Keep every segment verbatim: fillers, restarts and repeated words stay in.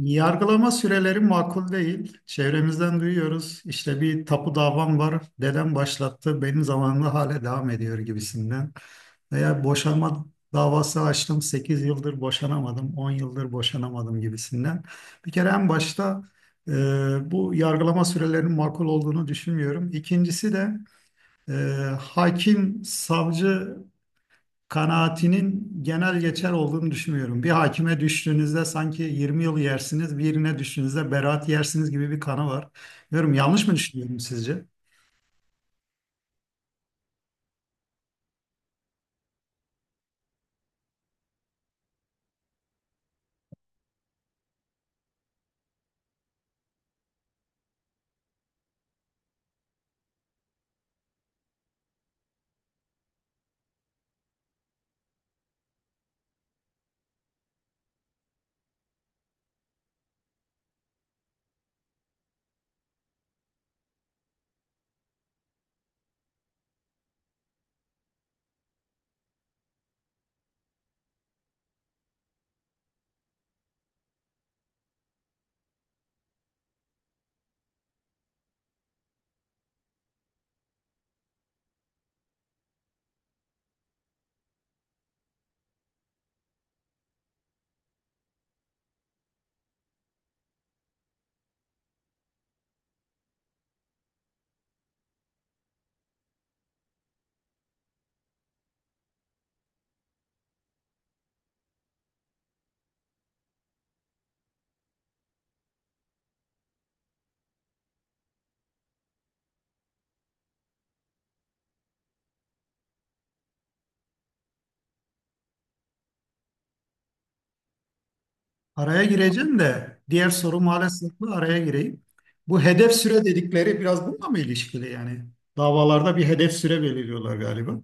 Yargılama süreleri makul değil. Çevremizden duyuyoruz. İşte bir tapu davam var. Dedem başlattı. Benim zamanımda hala devam ediyor gibisinden. Veya boşanma davası açtım. Sekiz yıldır boşanamadım. On yıldır boşanamadım gibisinden. Bir kere en başta e, bu yargılama sürelerinin makul olduğunu düşünmüyorum. İkincisi de e, hakim, savcı kanaatinin genel geçer olduğunu düşünmüyorum. Bir hakime düştüğünüzde sanki yirmi yıl yersiniz, birine düştüğünüzde beraat yersiniz gibi bir kanı var. Bilmiyorum yanlış mı düşünüyorum sizce? Araya gireceğim de diğer soru maalesef bu, araya gireyim. Bu hedef süre dedikleri biraz bununla mı ilişkili yani? Davalarda bir hedef süre belirliyorlar galiba.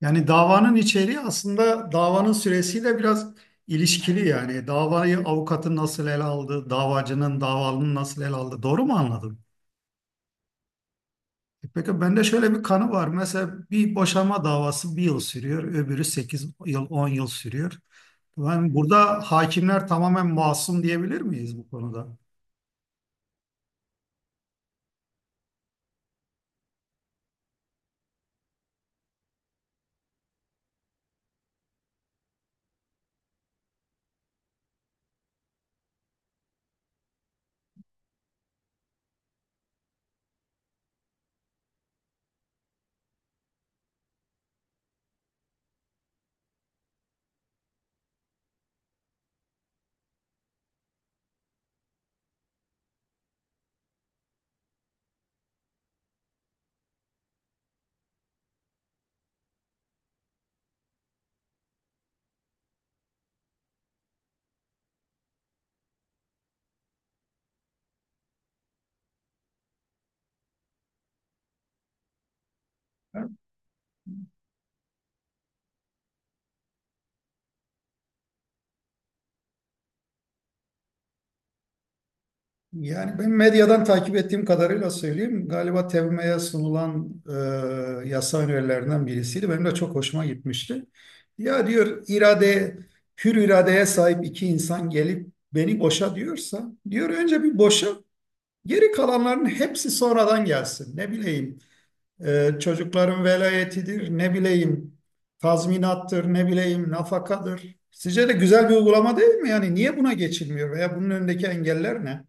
Yani davanın içeriği aslında davanın süresiyle biraz ilişkili yani. Davayı avukatın nasıl ele aldı, davacının, davalının nasıl ele aldı. Doğru mu anladım? Peki bende şöyle bir kanı var. Mesela bir boşanma davası bir yıl sürüyor, öbürü sekiz yıl, on yıl sürüyor. Yani burada hakimler tamamen masum diyebilir miyiz bu konuda? Yani ben medyadan takip ettiğim kadarıyla söyleyeyim. Galiba T E V M E'ye sunulan e, yasa önerilerinden birisiydi. Benim de çok hoşuma gitmişti. Ya diyor irade, hür iradeye sahip iki insan gelip beni boşa diyorsa, diyor önce bir boşa, geri kalanların hepsi sonradan gelsin. Ne bileyim, Ee, çocukların velayetidir, ne bileyim tazminattır, ne bileyim nafakadır. Sizce de güzel bir uygulama değil mi? Yani niye buna geçilmiyor veya bunun önündeki engeller ne?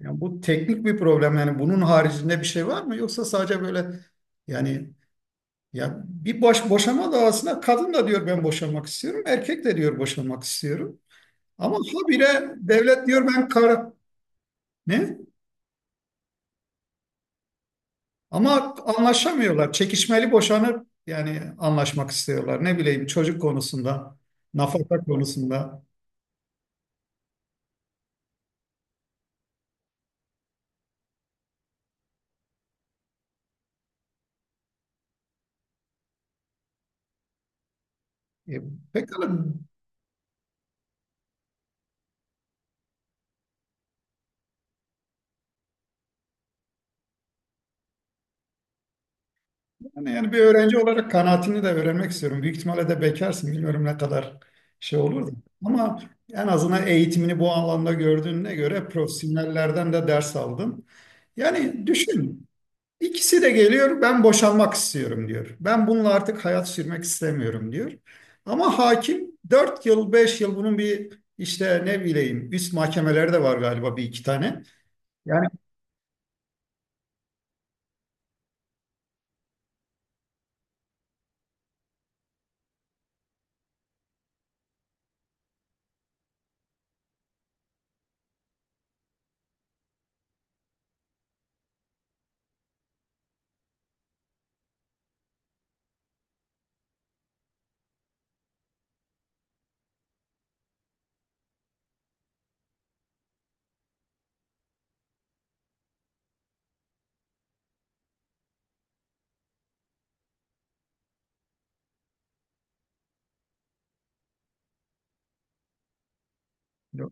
Yani bu teknik bir problem. Yani bunun haricinde bir şey var mı? Yoksa sadece böyle yani, ya bir boş boşama davasında kadın da diyor ben boşanmak istiyorum, erkek de diyor boşanmak istiyorum. Ama habire devlet diyor ben kara ne? Ama anlaşamıyorlar. Çekişmeli boşanıp yani anlaşmak istiyorlar. Ne bileyim çocuk konusunda, nafaka konusunda. E, pekala yani, yani bir öğrenci olarak kanaatini de öğrenmek istiyorum. Büyük ihtimalle de bekarsın. Bilmiyorum ne kadar şey olur da. Ama en azından eğitimini bu alanda gördüğüne göre profesyonellerden de ders aldın. Yani düşün. İkisi de geliyor, ben boşanmak istiyorum diyor. Ben bununla artık hayat sürmek istemiyorum diyor. Ama hakim dört yıl, beş yıl bunun bir işte ne bileyim üst mahkemelerde de var galiba bir iki tane. Yani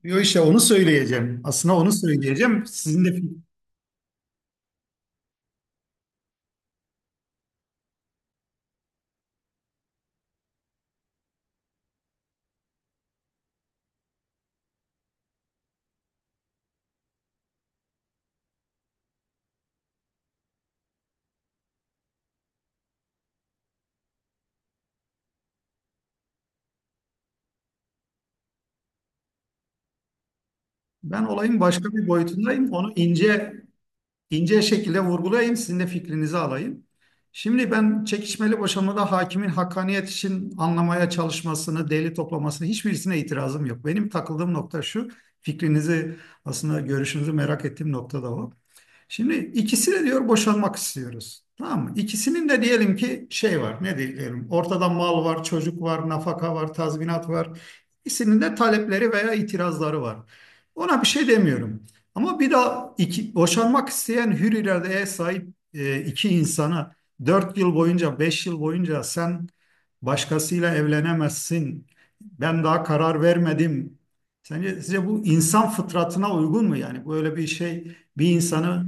yo işte onu söyleyeceğim. Aslında onu söyleyeceğim. Sizin de ben olayın başka bir boyutundayım. Onu ince ince şekilde vurgulayayım, sizin de fikrinizi alayım. Şimdi ben çekişmeli boşanmada hakimin hakkaniyet için anlamaya çalışmasını, delil toplamasını hiçbirisine itirazım yok. Benim takıldığım nokta şu, fikrinizi aslında görüşünüzü merak ettiğim nokta da o. Şimdi ikisi de diyor boşanmak istiyoruz. Tamam mı? İkisinin de diyelim ki şey var. Ne diyelim? Ortada mal var, çocuk var, nafaka var, tazminat var. İkisinin de talepleri veya itirazları var. Ona bir şey demiyorum. Ama bir daha iki, boşanmak isteyen hür iradeye sahip e, iki insana dört yıl boyunca, beş yıl boyunca sen başkasıyla evlenemezsin. Ben daha karar vermedim. Sence size bu insan fıtratına uygun mu? Yani böyle bir şey bir insanı...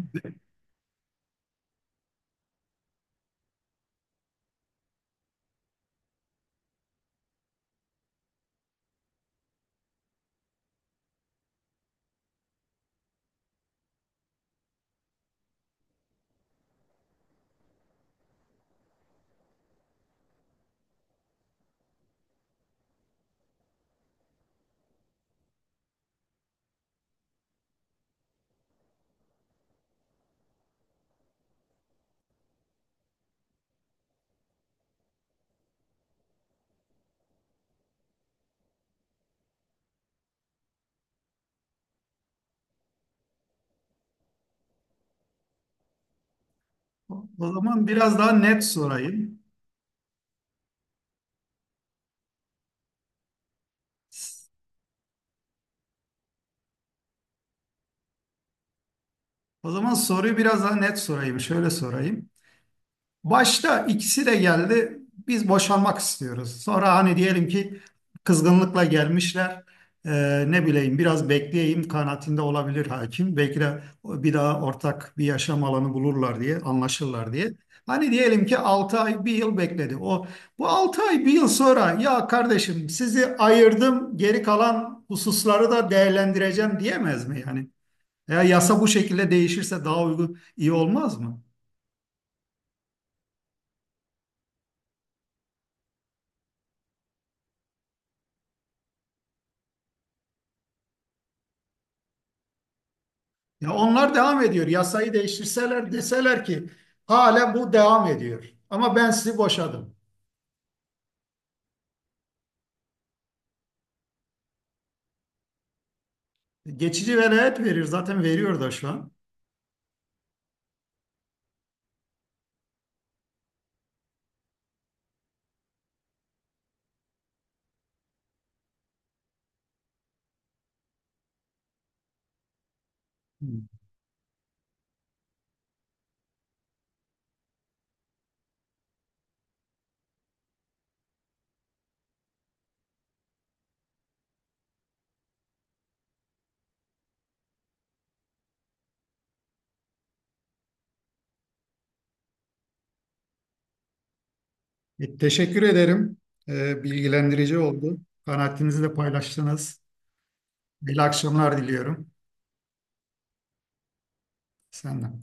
O o zaman biraz daha net sorayım. O zaman soruyu biraz daha net sorayım. Şöyle sorayım. Başta ikisi de geldi. Biz boşanmak istiyoruz. Sonra hani diyelim ki kızgınlıkla gelmişler. Ee, ne bileyim biraz bekleyeyim kanaatinde olabilir hakim. Belki de bir daha ortak bir yaşam alanı bulurlar diye, anlaşırlar diye. Hani diyelim ki altı ay, bir yıl bekledi. O bu altı ay, bir yıl sonra ya kardeşim sizi ayırdım, geri kalan hususları da değerlendireceğim diyemez mi yani? Ya yasa bu şekilde değişirse daha uygun iyi olmaz mı? Ya onlar devam ediyor. Yasayı değiştirseler deseler ki hala bu devam ediyor. Ama ben sizi boşadım. Geçici velayet verir. Zaten veriyor da şu an. Hı. E, teşekkür ederim. E, bilgilendirici oldu. Kanaatinizi de paylaştınız. İyi akşamlar diliyorum. Senden.